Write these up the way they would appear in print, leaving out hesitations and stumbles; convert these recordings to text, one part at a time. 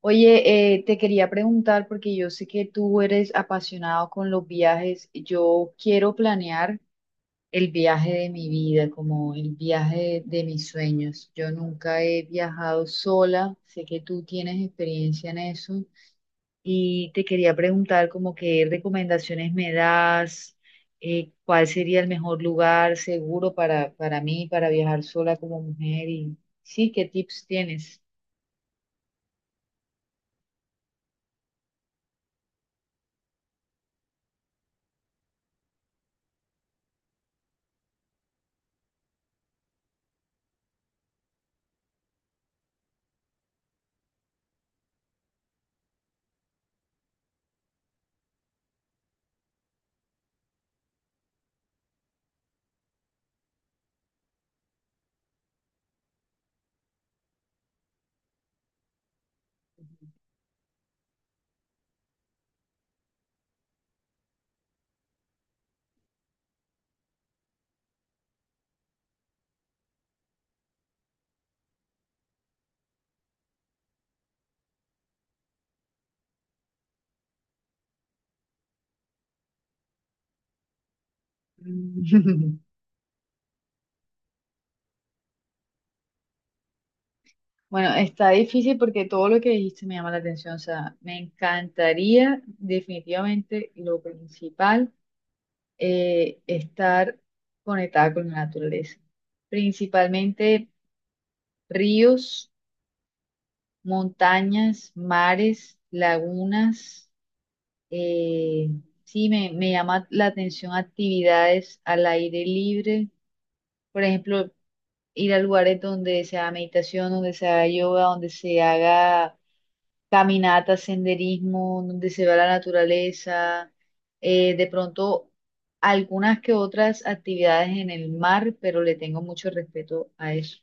Oye, te quería preguntar, porque yo sé que tú eres apasionado con los viajes, yo quiero planear el viaje de mi vida, como el viaje de mis sueños. Yo nunca he viajado sola, sé que tú tienes experiencia en eso y te quería preguntar como qué recomendaciones me das, ¿cuál sería el mejor lugar seguro para mí, para viajar sola como mujer? Y sí, ¿qué tips tienes? Bueno, está difícil porque todo lo que dijiste me llama la atención. O sea, me encantaría definitivamente lo principal, estar conectada con la naturaleza. Principalmente ríos, montañas, mares, lagunas. eh, me llama la atención actividades al aire libre. Por ejemplo, ir a lugares donde se haga meditación, donde se haga yoga, donde se haga caminata, senderismo, donde se ve la naturaleza, de pronto algunas que otras actividades en el mar, pero le tengo mucho respeto a eso.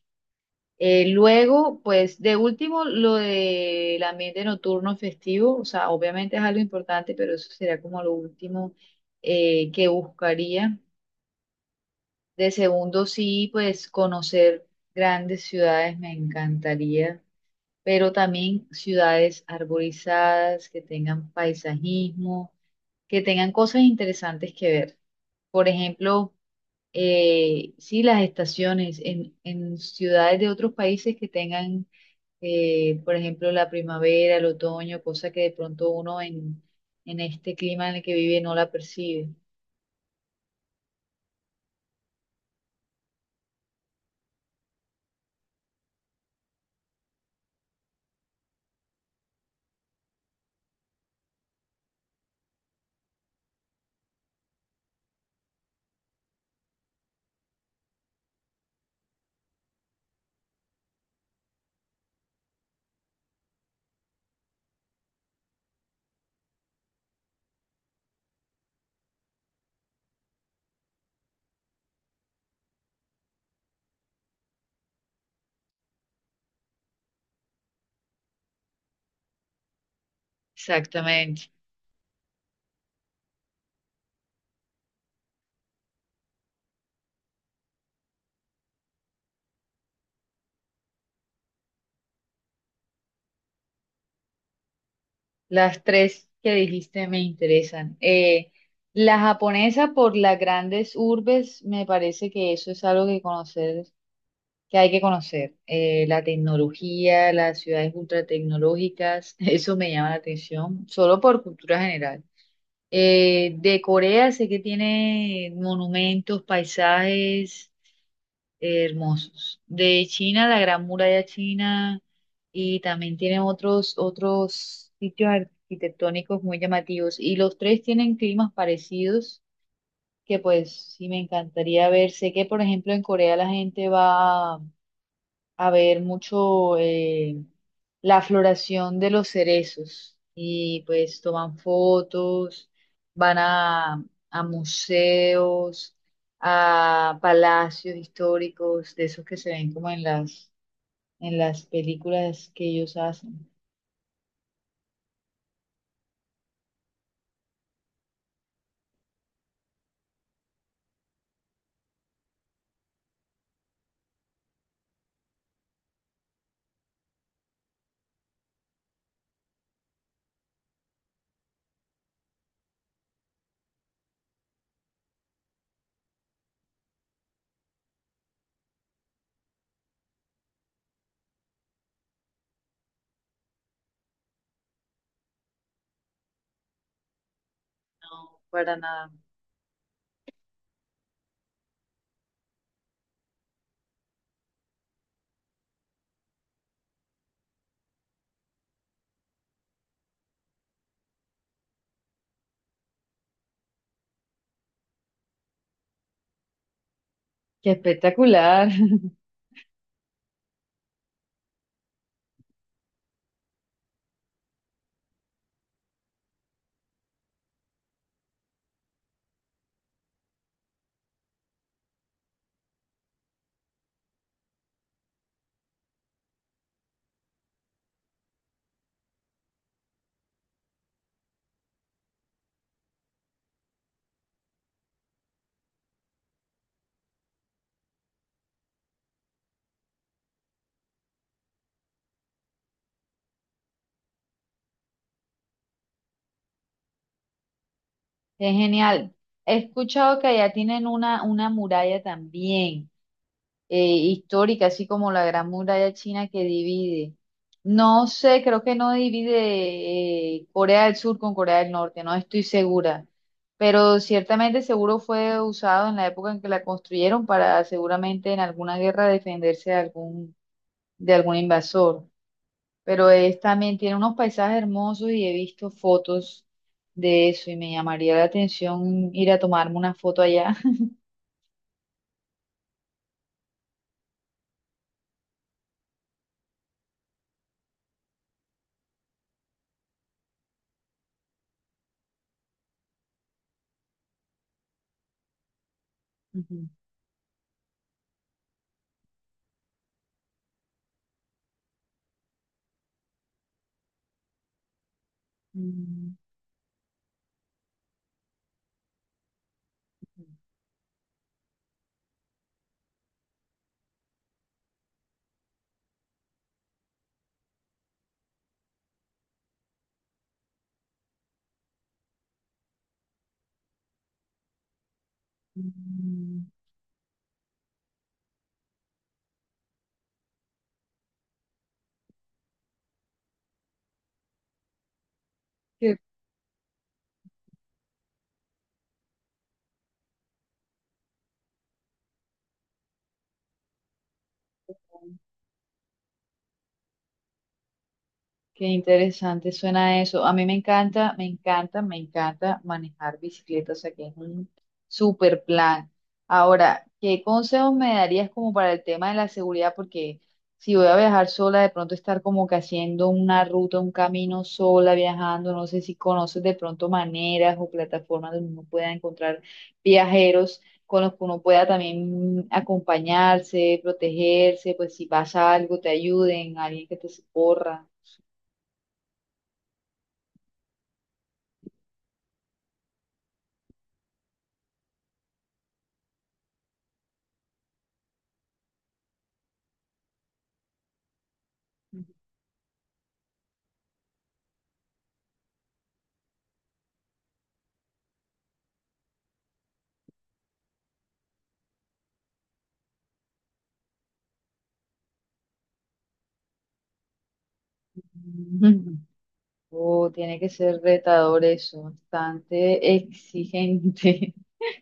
Luego, pues de último, lo del ambiente nocturno festivo, o sea, obviamente es algo importante, pero eso sería como lo último que buscaría. De segundo, sí, pues conocer grandes ciudades me encantaría, pero también ciudades arborizadas, que tengan paisajismo, que tengan cosas interesantes que ver. Por ejemplo, sí, las estaciones en ciudades de otros países que tengan, por ejemplo, la primavera, el otoño, cosa que de pronto uno en este clima en el que vive no la percibe. Exactamente. Las tres que dijiste me interesan. La japonesa por las grandes urbes, me parece que eso es algo que conocer, que hay que conocer. La tecnología, las ciudades ultratecnológicas, eso me llama la atención, solo por cultura general. De Corea sé que tiene monumentos, paisajes hermosos. De China, la Gran Muralla China, y también tienen otros sitios arquitectónicos muy llamativos. Y los tres tienen climas parecidos que pues sí me encantaría ver. Sé que, por ejemplo, en Corea la gente va a ver mucho la floración de los cerezos y pues toman fotos, van a, a museos, a palacios históricos, de esos que se ven como en en las películas que ellos hacen. No, para nada. Qué espectacular. Qué genial. He escuchado que allá tienen una muralla también. Histórica, así como la Gran Muralla China que divide. No sé, creo que no divide Corea del Sur con Corea del Norte, no estoy segura, pero ciertamente seguro fue usado en la época en que la construyeron para seguramente en alguna guerra defenderse de de algún invasor. Pero es, también tiene unos paisajes hermosos y he visto fotos de eso y me llamaría la atención ir a tomarme una foto allá. Ujú. Mm. Mm. Qué. Qué interesante suena eso. A mí me encanta, me encanta, me encanta manejar bicicleta, o sea que es un super plan. Ahora, ¿qué consejos me darías como para el tema de la seguridad? Porque si voy a viajar sola, de pronto estar como que haciendo una ruta, un camino sola, viajando, no sé si conoces de pronto maneras o plataformas donde uno pueda encontrar viajeros con los que uno pueda también acompañarse, protegerse, pues si pasa algo, te ayuden, alguien que te socorra. Ujú. Oh, tiene que ser retador eso, bastante exigente.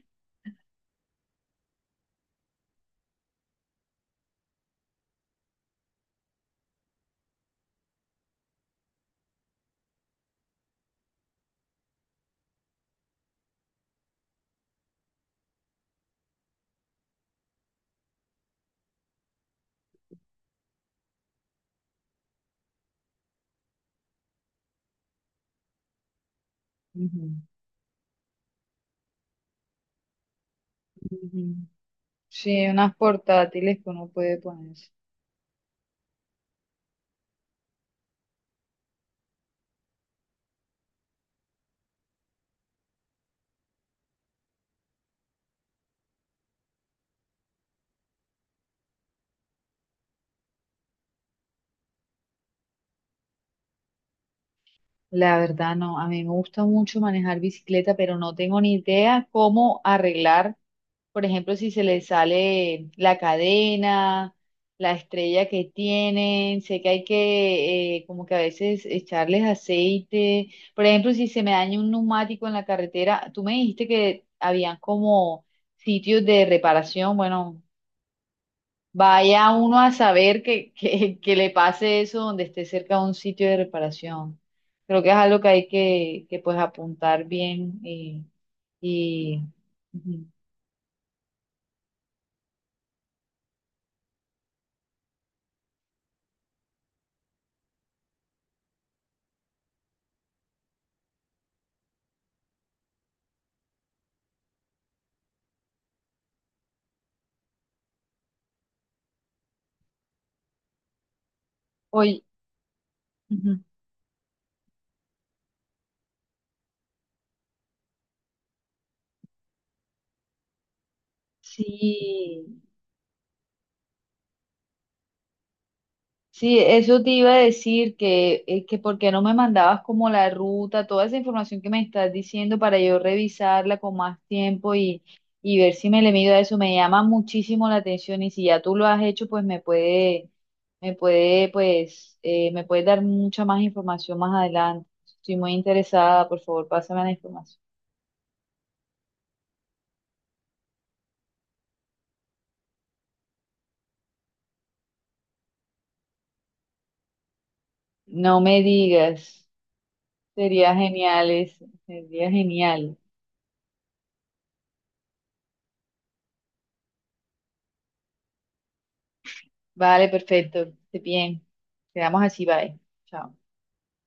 Ujú. Ujú. Sí, unas portátiles que uno puede poner. La verdad no, a mí me gusta mucho manejar bicicleta, pero no tengo ni idea cómo arreglar, por ejemplo, si se le sale la cadena, la estrella que tienen, sé que hay que como que a veces echarles aceite, por ejemplo, si se me daña un neumático en la carretera, tú me dijiste que habían como sitios de reparación, bueno, vaya uno a saber que le pase eso donde esté cerca de un sitio de reparación. Creo que es algo que hay que pues apuntar bien y ujú. Oye, ujú, sí, sí, eso te iba a decir que por qué no me mandabas como la ruta, toda esa información que me estás diciendo para yo revisarla con más tiempo y ver si me le mido a eso. Me llama muchísimo la atención y si ya tú lo has hecho, pues me puede dar mucha más información más adelante. Estoy muy interesada, por favor, pásame la información. No me digas, sería genial eso, sería genial. Vale, perfecto, esté bien. Quedamos así, bye. Chao.